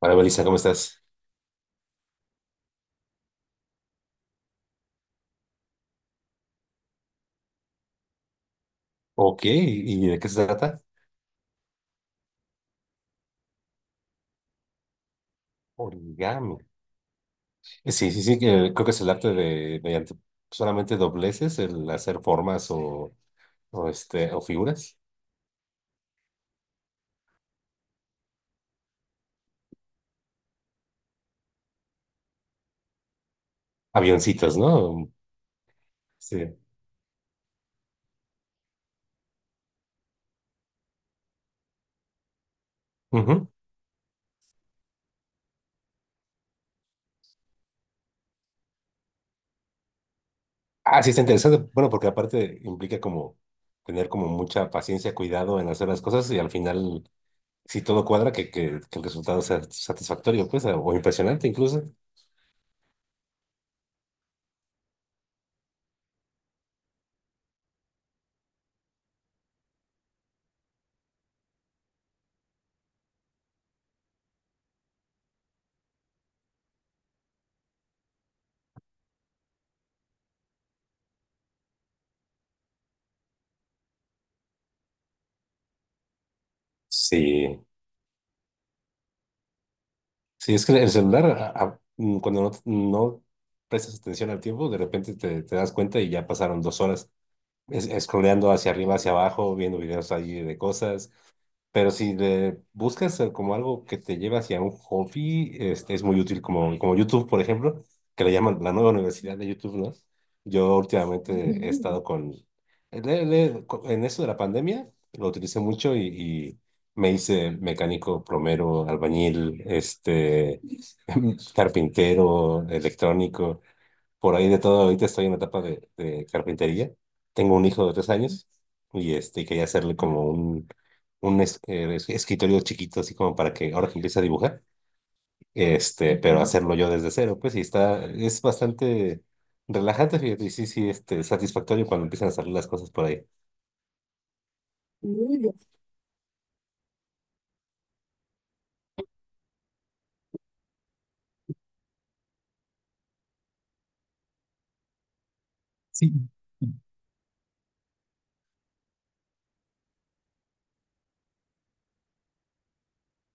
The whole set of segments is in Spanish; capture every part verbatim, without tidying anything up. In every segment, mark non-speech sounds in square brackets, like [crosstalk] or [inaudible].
Hola, Melissa, ¿cómo estás? Ok, ¿y de qué se trata? Origami. Eh, Sí, sí, sí, que creo que es el arte de mediante solamente dobleces, el hacer formas o, o, este, o figuras. Avioncitos, ¿no? Sí. Ujú. Ah, sí, está interesante. Bueno, porque aparte implica como tener como mucha paciencia, cuidado en hacer las cosas y al final, si todo cuadra, que, que, que el resultado sea satisfactorio, pues, o impresionante incluso. Sí. Sí, es que el celular, a- a- mm, cuando no, no prestas atención al tiempo, de repente te, te das cuenta y ya pasaron dos horas es, scrolleando hacia arriba, hacia abajo, viendo videos allí de cosas. Pero si le buscas eh, como algo que te lleva hacia un hobby, este, es muy útil, como, como YouTube, por ejemplo, que le llaman la nueva universidad de YouTube, ¿no? Yo últimamente he estado con... le- le- co- en eso de la pandemia, lo utilicé mucho y y me hice mecánico, plomero, albañil, este carpintero, electrónico, por ahí de todo. Ahorita estoy en la etapa de, de carpintería. Tengo un hijo de tres años y este, quería hacerle como un, un es- eh, es- escritorio chiquito, así como para que ahora que empiece a dibujar, este, pero hacerlo yo desde cero, pues, y está, es bastante relajante, fíjate, y sí, sí, este, satisfactorio cuando empiezan a salir las cosas por ahí.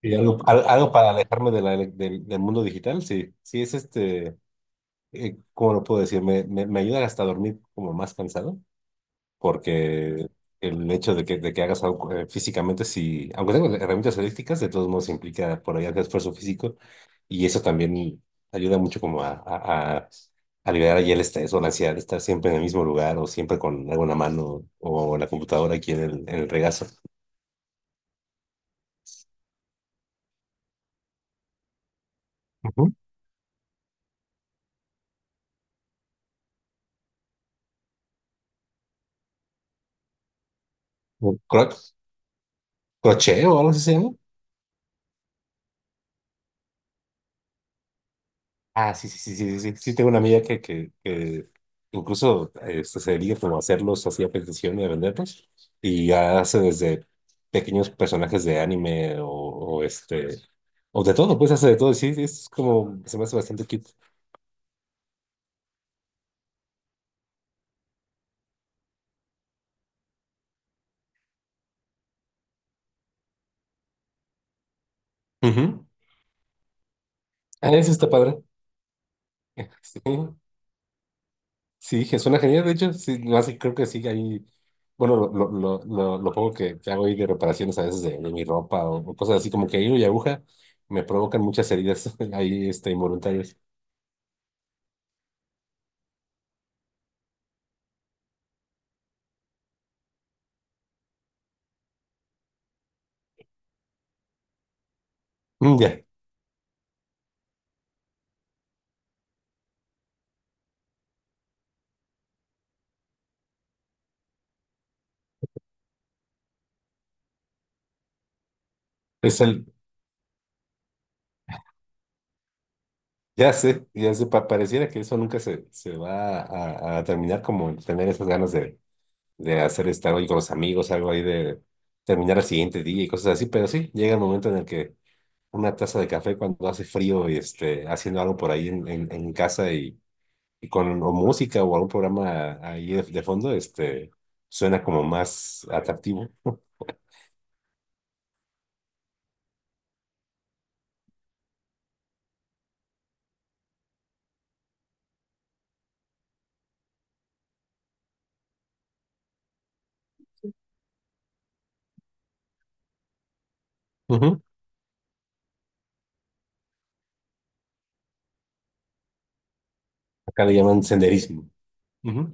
Y algo, al- algo para alejarme de la, del, del mundo digital, sí, sí es este, eh, ¿cómo lo puedo decir? Me, me, me ayuda hasta a dormir como más cansado, porque el hecho de que, de que hagas algo eh, físicamente, si, aunque tengas herramientas eléctricas, de todos modos implica por ahí hacer esfuerzo físico y eso también ayuda mucho como a, a, a- a liberar ahí el estrés o la ansiedad de estar siempre en el mismo lugar o siempre con alguna mano o la computadora aquí en el, en el regazo. Ujú. O cro- crochet o algo así se llama. Ah, sí, sí, sí, sí, sí, sí, tengo una amiga que, que, que incluso este, se dedica como a hacerlos así a petición y a venderlos y hace desde pequeños personajes de anime o, o este, o de todo, pues hace de todo, sí, es como, se me hace bastante cute. Ujú. Ah, eso está padre. [laughs] Sí, sí, que suena genial, de hecho, sí, no, así creo que sí, ahí, bueno, lo, lo, lo, lo, lo poco que, que hago ahí de reparaciones a veces de, de mi ropa o, o cosas así como que hilo y aguja me provocan muchas heridas [laughs] ahí, este, involuntarias. Mm, Ya, es el, ya sé, ya sé, pa- pareciera que eso nunca se, se va a, a terminar, como el tener esas ganas de, de hacer estar hoy con los amigos, algo ahí de terminar el siguiente día y cosas así, pero sí, llega el momento en el que una taza de café cuando hace frío y este, haciendo algo por ahí en, en, en casa y, y con o música o algún programa ahí de, de fondo, este, suena como más atractivo. Ujú. Acá le llaman senderismo. Ujú,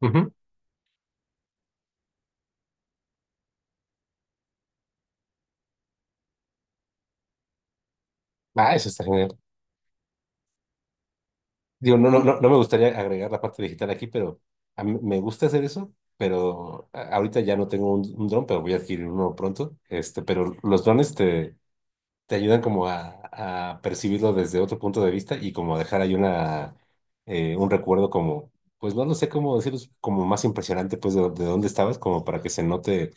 ujú. Ah, eso está genial. Digo, no, no, no, no me gustaría agregar la parte digital aquí, pero a mí me gusta hacer eso, pero a- ahorita ya no tengo un, un dron, pero voy a adquirir uno pronto. Este, pero los drones te, te ayudan como a, a percibirlo desde otro punto de vista y como a dejar ahí una, eh, un recuerdo como, pues no lo sé cómo decirlo, como más impresionante pues de, de dónde estabas, como para que se note,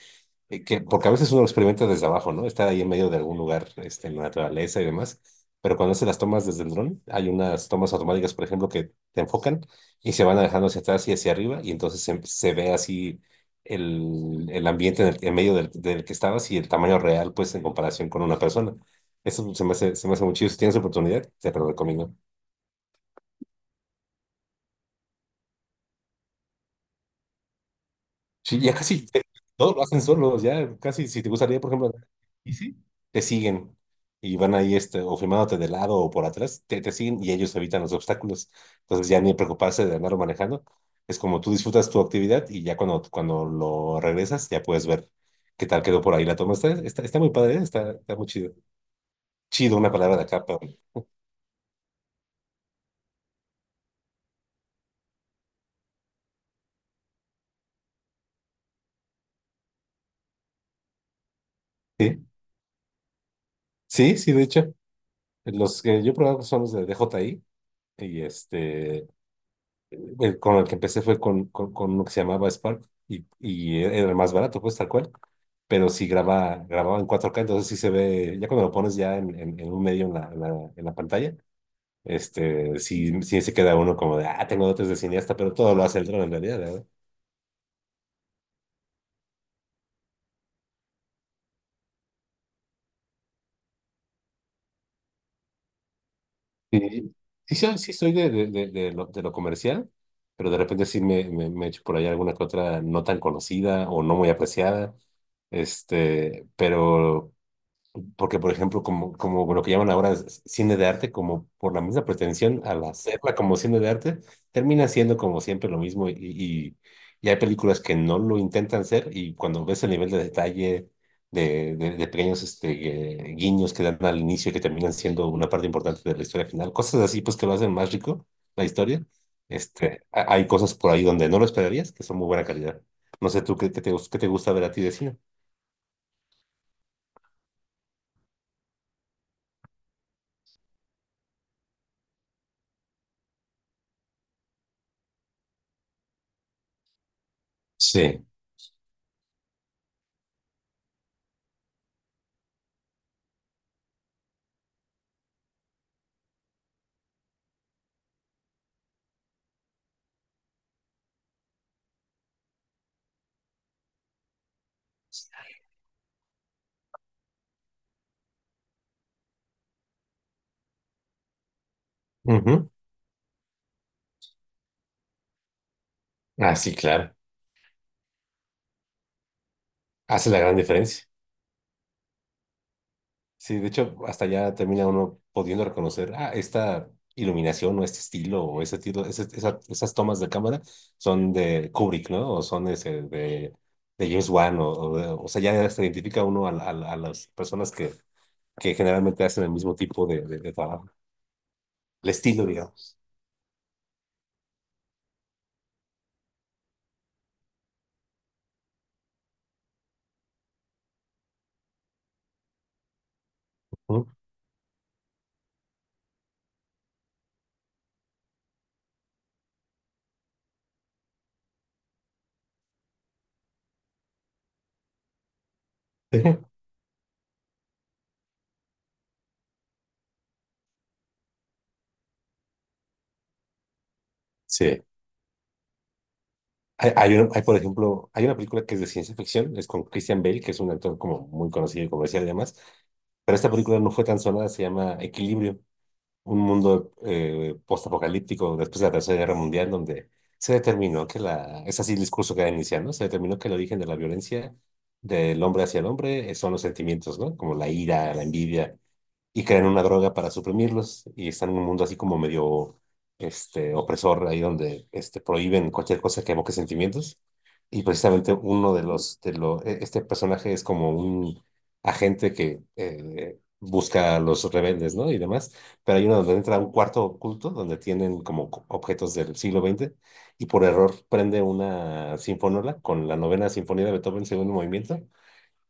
eh, que, porque a veces uno lo experimenta desde abajo, ¿no? Está ahí en medio de algún lugar, este, en la naturaleza y demás, pero cuando se las tomas desde el dron, hay unas tomas automáticas, por ejemplo, que te enfocan y se van alejando hacia atrás y hacia arriba y entonces se, se ve así. El, el ambiente en, el, en medio del, del que estabas y el tamaño real, pues en comparación con una persona. Eso se me hace, se me hace muy chido. Si tienes oportunidad, te lo recomiendo. Sí, ya casi eh, todos lo hacen solos, ya casi. Si te gustaría, por ejemplo, y sí, te siguen y van ahí este, o filmándote de lado o por atrás, te, te siguen y ellos evitan los obstáculos. Entonces ya ni preocuparse de andarlo manejando. Es como tú disfrutas tu actividad y ya cuando, cuando lo regresas, ya puedes ver qué tal quedó por ahí la toma. Está, está, está muy padre, ¿eh? está, está muy chido. Chido, una palabra de acá, pero sí, sí, sí, de hecho. Los que yo he probado son los de D J I y este el- con el que empecé fue con, con, con uno que se llamaba Spark y, y era el más barato, pues tal cual. Pero sí graba, grababa en cuatro k entonces sí se ve, ya cuando lo pones ya en, en, en un medio en la, en la, en la pantalla, este, sí, sí se queda uno como de, ah, tengo dotes de cineasta, pero todo lo hace el dron en realidad, ¿verdad? Sí, sí, soy, sí soy de, de, de, de lo, de lo comercial, pero de repente sí me, me, me echo por ahí alguna que otra no tan conocida o no muy apreciada. Este, pero porque por ejemplo, como, como lo que llaman ahora es cine de arte, como por la misma pretensión al hacerla como cine de arte, termina siendo como siempre lo mismo y, y, y hay películas que no lo intentan ser y cuando ves el nivel de detalle de, de, de pequeños este, eh, guiños que dan al inicio y que terminan siendo una parte importante de la historia final, cosas así pues que lo hacen más rico la historia, este, ha- hay cosas por ahí donde no lo esperarías que son muy buena calidad. No sé tú qué, qué te, gus- qué te gusta ver a ti de cine. Sí. Ujú. Ah, sí, claro. Hace la gran diferencia. Sí, de hecho, hasta ya termina uno pudiendo reconocer, ah, esta iluminación o este estilo o ese tiro, ese- esa- esas tomas de cámara son de Kubrick, ¿no? O son ese de, de James Wan, o, o de- o sea, ya se identifica uno a, a- a las personas que, que generalmente hacen el mismo tipo de, de- de trabajo, el estilo, digamos. ¿No? Sí. [laughs] Sí. Hay, hay, una- hay, por ejemplo, hay una película que es de ciencia ficción, es con Christian Bale, que es un actor como muy conocido y comercial y demás, pero esta película no fue tan sonada, se llama Equilibrio, un mundo eh, postapocalíptico después de la Tercera Guerra Mundial, donde se determinó que la, es así el discurso que da iniciando, se determinó que el origen de la violencia del hombre hacia el hombre eh, son los sentimientos, ¿no? Como la ira, la envidia, y crean una droga para suprimirlos y están en un mundo así como medio este, opresor, ahí donde este, prohíben cualquier cosa que evoque sentimientos. Y precisamente uno de los, de lo, e- este personaje es como un agente que eh, busca a los rebeldes, ¿no? Y demás. Pero hay uno donde entra a un cuarto oculto donde tienen como co- objetos del siglo veinte y por error prende una sinfonola con la novena sinfonía de Beethoven, segundo movimiento,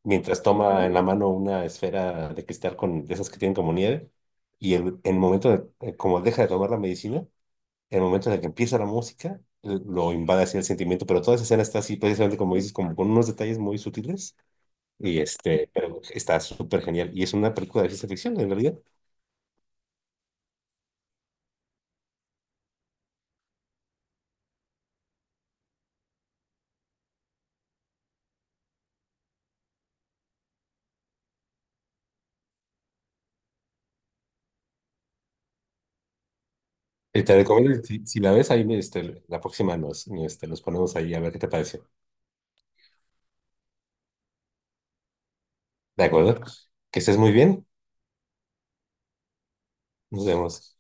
mientras toma en la mano una esfera de cristal con de esas que tienen como nieve. Y el- en el momento de, eh, como deja de tomar la medicina, en el momento en el que empieza la música, l- lo invade así el sentimiento. Pero toda esa escena está así, precisamente como dices, como con unos detalles muy sutiles. Y este, pero está súper genial. Y es una película de ciencia ficción, en realidad. Eh, Te recomiendo, si, si la ves ahí, este, la próxima nos, este, nos ponemos ahí a ver qué te pareció. ¿De acuerdo? Que estés muy bien. Nos vemos.